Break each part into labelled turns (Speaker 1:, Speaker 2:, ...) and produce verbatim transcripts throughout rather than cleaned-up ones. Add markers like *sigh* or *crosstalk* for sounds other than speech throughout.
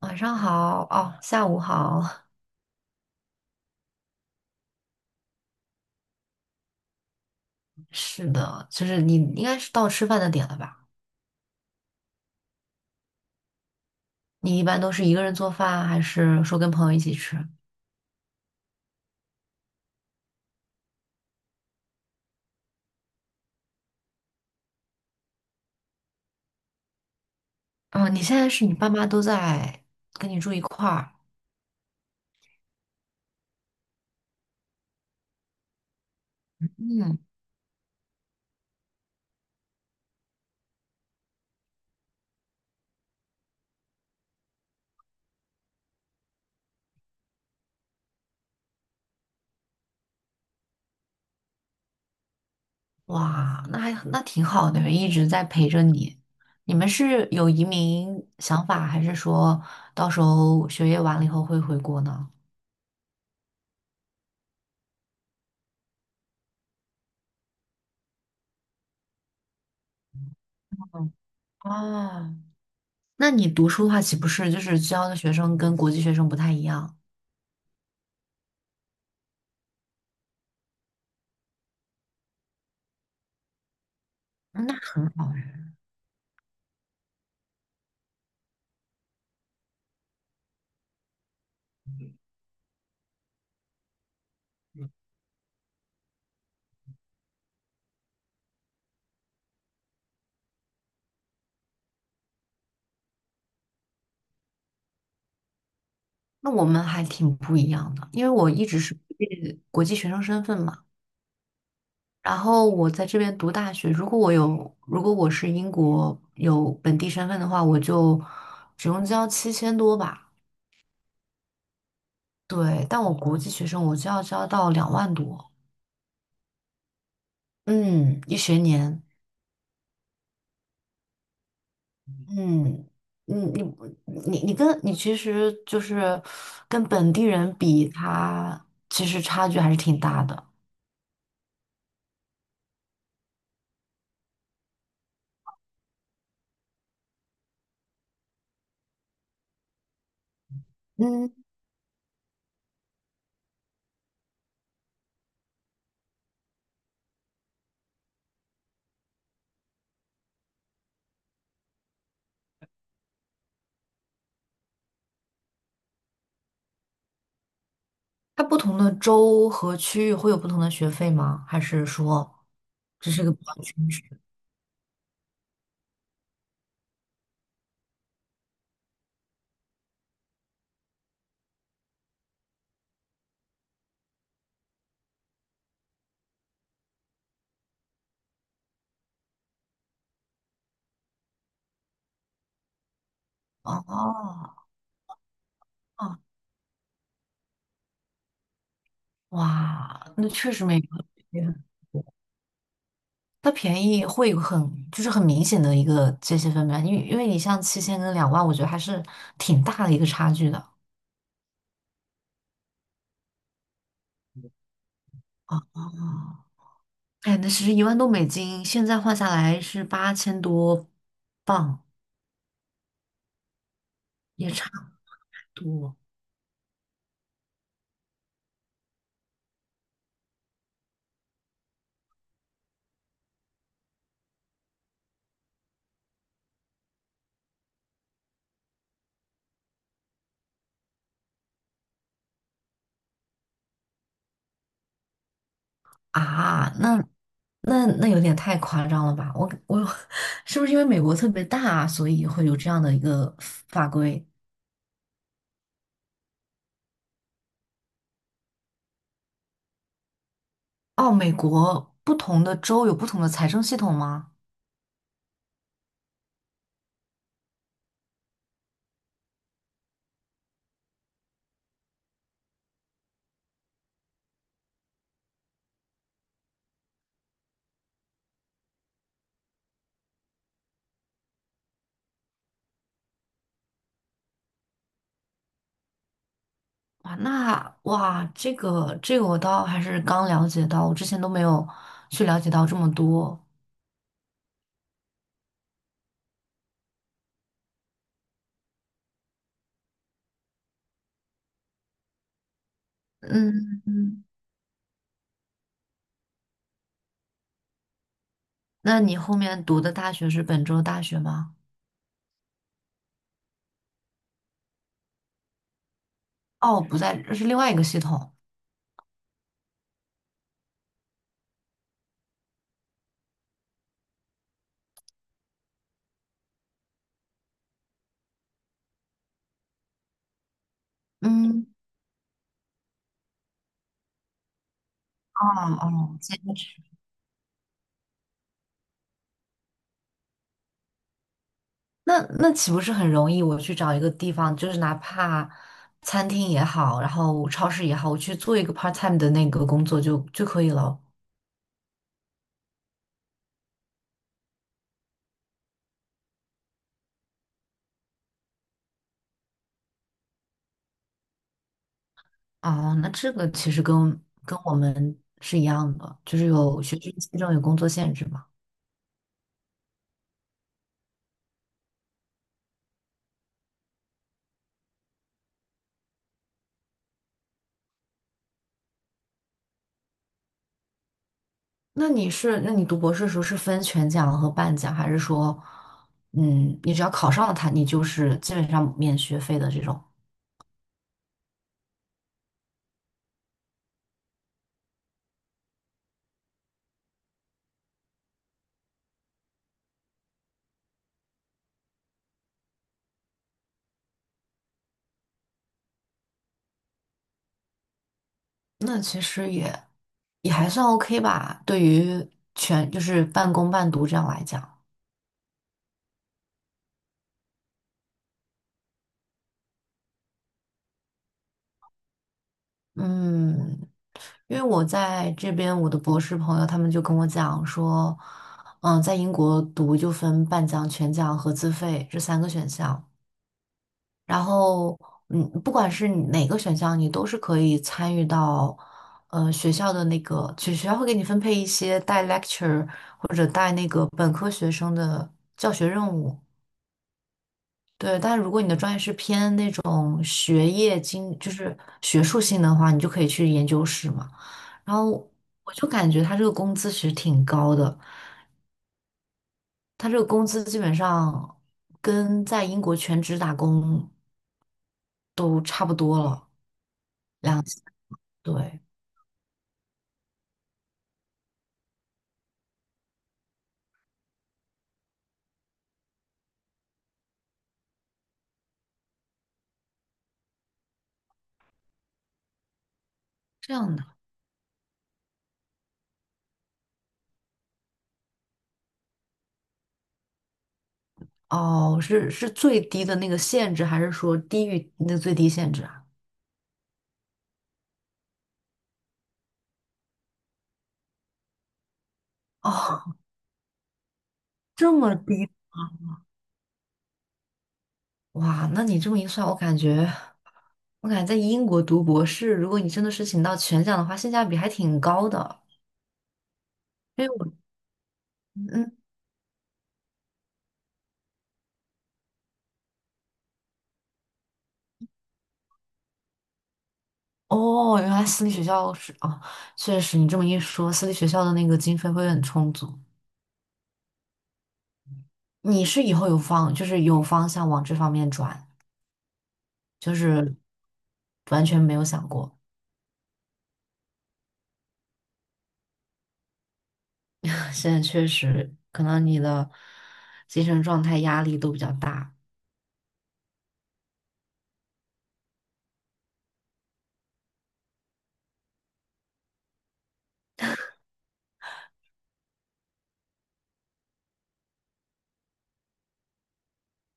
Speaker 1: 晚上好，哦，下午好。*laughs* 是的，就是你应该是到吃饭的点了吧？你一般都是一个人做饭，还是说跟朋友一起吃？嗯，你现在是你爸妈都在跟你住一块儿？嗯，哇，那还那挺好的，一直在陪着你。你们是有移民想法，还是说到时候学业完了以后会回国呢？嗯，哦，那你读书的话，岂不是就是教的学生跟国际学生不太一样？嗯，那很好。那我们还挺不一样的，因为我一直是国际学生身份嘛。然后我在这边读大学，如果我有，如果我是英国有本地身份的话，我就只用交七千多吧。对，但我国际学生我就要交到两万多，嗯，一学年。嗯，你你你你跟你其实就是跟本地人比，他其实差距还是挺大的。嗯，它不同的州和区域会有不同的学费吗？还是说这是个比较均值？哦哦，哇，那确实没有，它便宜会有很就是很明显的一个界限分别，因为因为你像七千跟两万，我觉得还是挺大的一个差距的啊。哦哦，哎，那其实一万多美金现在换下来是八千多镑，也差不多。啊，那那那有点太夸张了吧？我我 *laughs* 是不是因为美国特别大，所以会有这样的一个法规？哦，美国不同的州有不同的财政系统吗？哇，那哇，这个这个我倒还是刚了解到，我之前都没有去了解到这么多。嗯嗯，那你后面读的大学是本州大学吗？哦，不在，这是另外一个系统。嗯，哦哦，兼职。那那岂不是很容易？我去找一个地方，就是哪怕餐厅也好，然后超市也好，我去做一个 part time 的那个工作就就可以了。哦，那这个其实跟跟我们是一样的，就是有学生签证有工作限制嘛。那你是，那你读博士的时候是分全奖和半奖，还是说，嗯，你只要考上了它，你就是基本上免学费的这种？那其实也也还算 OK 吧，对于全就是半工半读这样来讲。嗯，因为我在这边，我的博士朋友他们就跟我讲说，嗯，在英国读就分半奖、全奖和自费这三个选项，然后嗯，不管是你哪个选项，你都是可以参与到，呃，学校的那个，就学校会给你分配一些带 lecture 或者带那个本科学生的教学任务，对，但如果你的专业是偏那种学业经，就是学术性的话，你就可以去研究室嘛。然后我就感觉他这个工资其实挺高的，他这个工资基本上跟在英国全职打工都差不多了，两，对，这样的。哦，是是最低的那个限制，还是说低于那最低限制啊？哦，这么低。哇，那你这么一算，我感觉，我感觉在英国读博士，如果你真的是请到全奖的话，性价比还挺高的。因为我，嗯，哦，原来私立学校是，哦，确实，你这么一说，私立学校的那个经费会很充足。你是以后有方，就是有方向往这方面转，就是完全没有想过。*laughs* 现在确实，可能你的精神状态压力都比较大。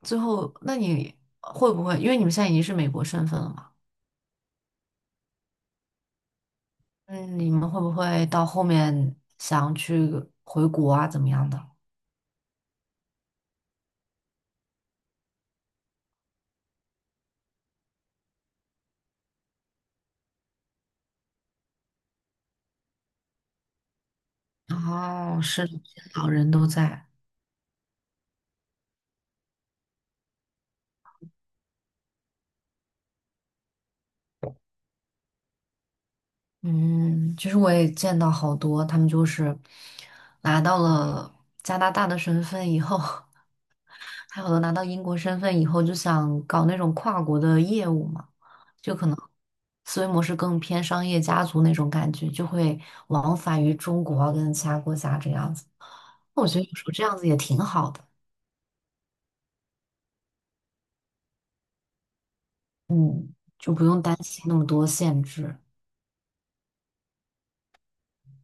Speaker 1: 最后，那你会不会，因为你们现在已经是美国身份了嘛？嗯，你们会不会到后面想去回国啊，怎么样的？哦，是的，这些老人都在。嗯，其实我也见到好多，他们就是拿到了加拿大的身份以后，*laughs* 还有的拿到英国身份以后，就想搞那种跨国的业务嘛，就可能思维模式更偏商业家族那种感觉，就会往返于中国啊跟其他国家这样子。那我觉得有时候这样子也挺好的。嗯，就不用担心那么多限制。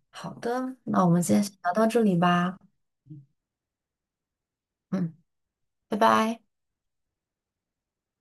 Speaker 1: 好的，那我们今天先聊到这里吧。嗯，拜拜。